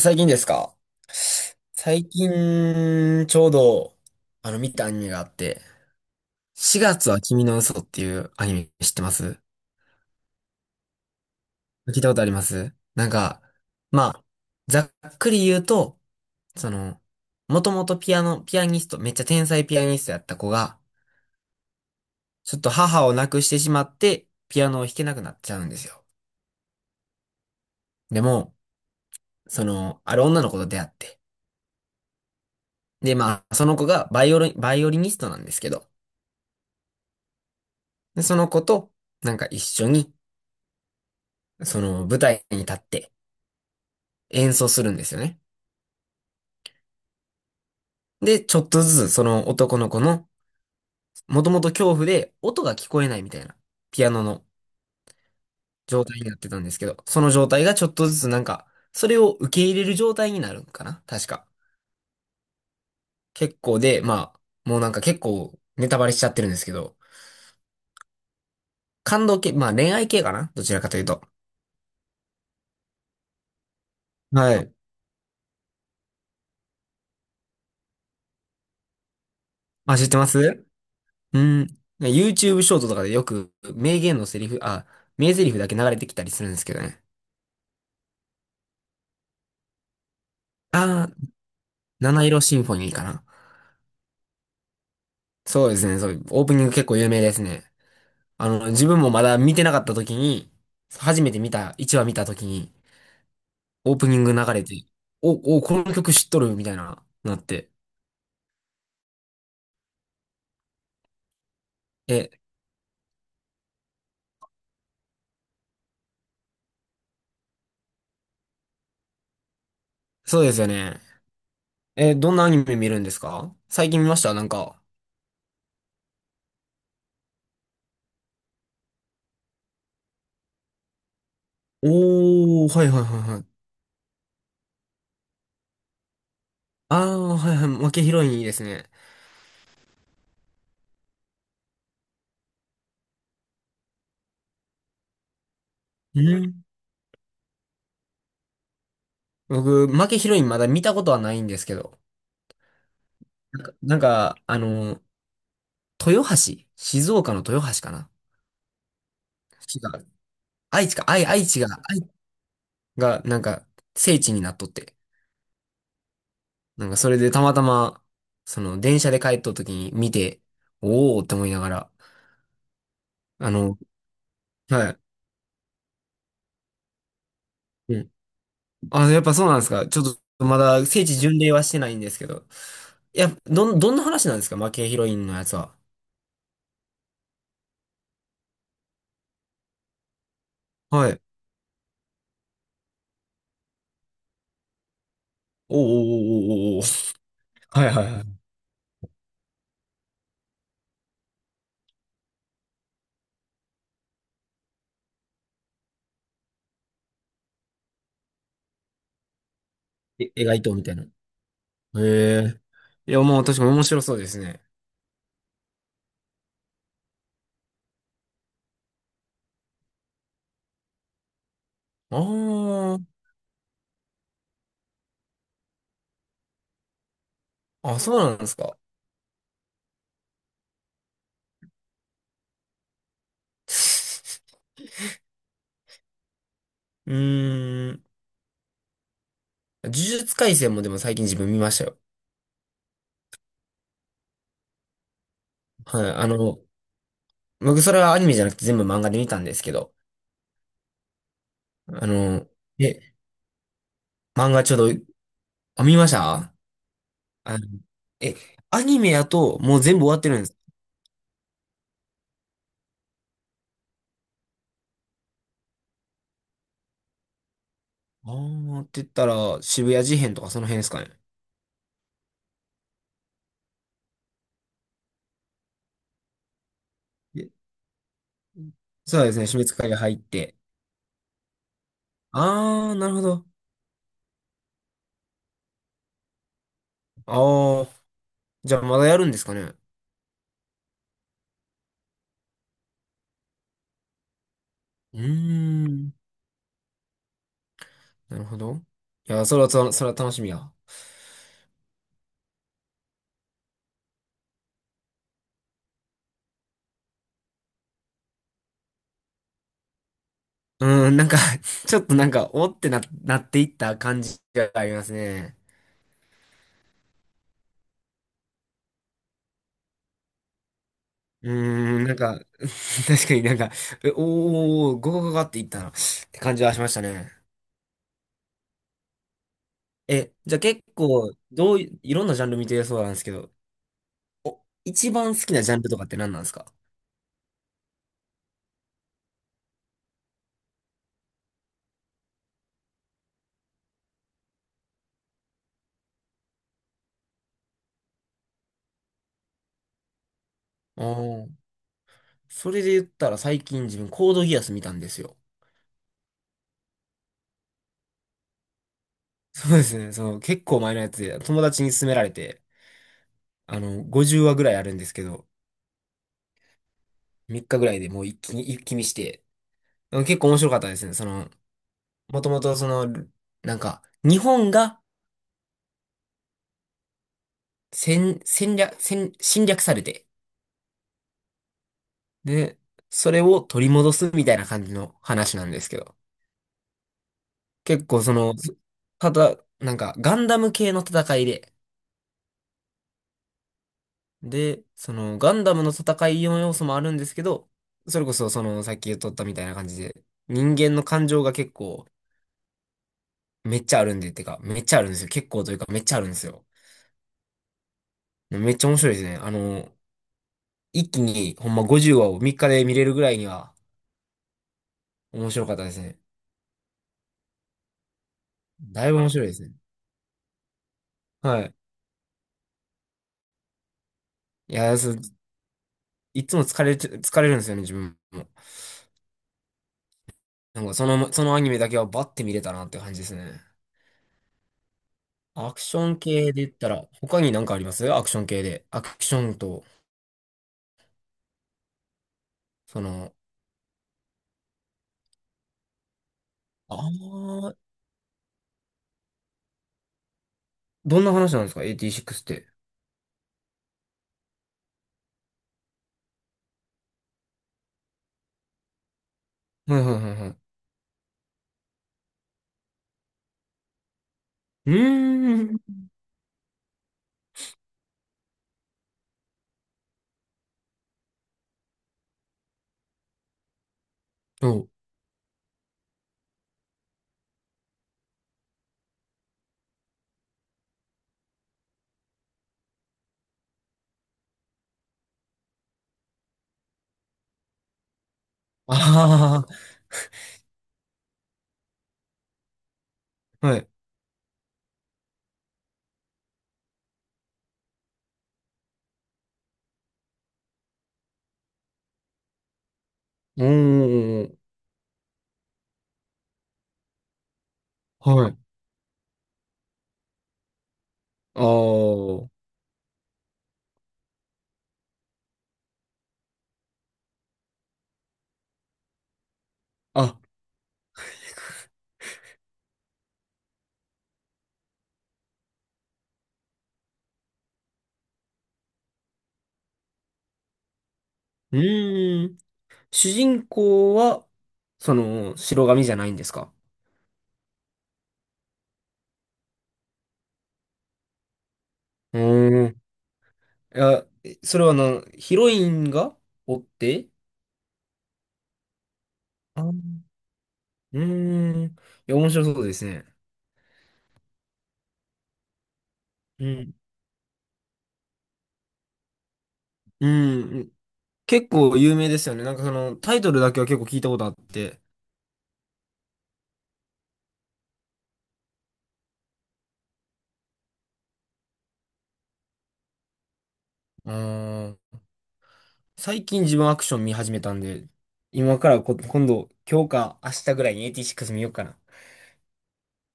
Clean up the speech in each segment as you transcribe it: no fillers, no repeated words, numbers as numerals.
最近ですか？最近、ちょうど、見たアニメがあって、4月は君の嘘っていうアニメ知ってます？聞いたことあります？なんか、まあ、ざっくり言うと、その、もともとピアノ、ピアニスト、めっちゃ天才ピアニストやった子が、ちょっと母を亡くしてしまって、ピアノを弾けなくなっちゃうんですよ。でも、ある女の子と出会って、で、まあ、その子がバイオリン、バイオリニストなんですけど、で、その子と、なんか一緒に、その舞台に立って演奏するんですよね。で、ちょっとずつその男の子の、もともと恐怖で音が聞こえないみたいな、ピアノの状態になってたんですけど、その状態がちょっとずつなんか、それを受け入れる状態になるんかな確か。結構で、まあ、もうなんか結構ネタバレしちゃってるんですけど、感動系、まあ恋愛系かなどちらかというと。はい。あ、知ってます。うん。YouTube ショートとかでよく名言のセリフ、あ、名台詞だけ流れてきたりするんですけどね。ああ、七色シンフォニーかな。そうですね、そう、オープニング結構有名ですね。自分もまだ見てなかった時に、初めて見た、1話見た時に、オープニング流れて、お、お、この曲知っとるみたいな、なって。え、そうですよね。え、どんなアニメ見るんですか？最近見ました？なんか。おー、はいはいはいはい。あー、はいはい、負けヒロインいいですね。うん、僕、負けヒロインまだ見たことはないんですけど。なんか、なんか豊橋、静岡の豊橋かな？滋賀、愛知か、愛、愛知が、愛が、なんか、聖地になっとって。なんか、それでたまたま、電車で帰っとった時に見て、おーって思いながら、あの、はい。うん。あ、やっぱそうなんですか。ちょっと、まだ、聖地巡礼はしてないんですけど。いや、どん、どんな話なんですか負けヒロインのやつは？はい。おーおーおーおーおー。はいはいはい。え、描いとうみたいな。へえ。いや、もう確かに面白そうですね。あー。あ、そうなんですか。うーん。呪術廻戦もでも最近自分見ましたよ。はい。僕それはアニメじゃなくて全部漫画で見たんですけど、あの、え、漫画ちょうど、あ、見ました。あの、え、アニメやともう全部終わってるんです。あーって言ったら渋谷事変とかその辺ですかね。え、そうですね、鬼滅界が入って。あー、なるほど。あー、じゃあまだやるんですかね。うーん、なるほど。いや、それは、それはそれは楽しみや。うん、なんか ちょっとなんか、おってな、なっていった感じがありますね。うーん、なんか、確かになんか、えおー、ゴゴゴゴっていったな、って感じはしましたね。え、じゃあ結構、どうい、いろんなジャンル見てるそうなんですけど、一番好きなジャンルとかって何なんですか？ああー、それで言ったら最近自分コードギアス見たんですよ。そうですね、その結構前のやつで友達に勧められて、50話ぐらいあるんですけど、3日ぐらいでもう一気に、一気見して、うん、結構面白かったですね。もともとなんか、日本が戦、戦略、戦、侵略されて、で、それを取り戻すみたいな感じの話なんですけど、結構その、ただ、なんか、ガンダム系の戦いで、で、その、ガンダムの戦いの要素もあるんですけど、それこそその、さっき言っとったみたいな感じで、人間の感情が結構、めっちゃあるんで、てか、めっちゃあるんですよ。結構というか、めっちゃあるんですよ。めっちゃ面白いですね。一気にほんま50話を3日で見れるぐらいには面白かったですね。だいぶ面白いですね。はい。いや、そう、いつも疲れて、疲れるんですよね、自分も。なんかその、そのアニメだけはバッて見れたなって感じですね。アクション系で言ったら、他に何かあります？アクション系で。アクションと、その、ああ、どんな話なんですかエーティーシック6って？はいはいはいはい。うーん。そう。ああ、はい。おー、はい。ああ。うーん。主人公は、その、白髪じゃないんですか？うーん。いや、それはな、ヒロインがおって。あ、うーん。いや、面白そうですね。うん。うん。結構有名ですよね。なんかその、タイトルだけは結構聞いたことあって。うーん。最近自分アクション見始めたんで、今からこ、今度、今日か明日ぐらいにエイティシック6見ようかな。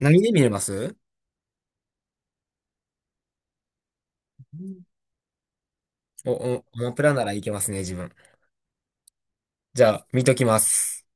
何で見れます？うん、お、お、アマプラならいけますね、自分。じゃあ、見ときます。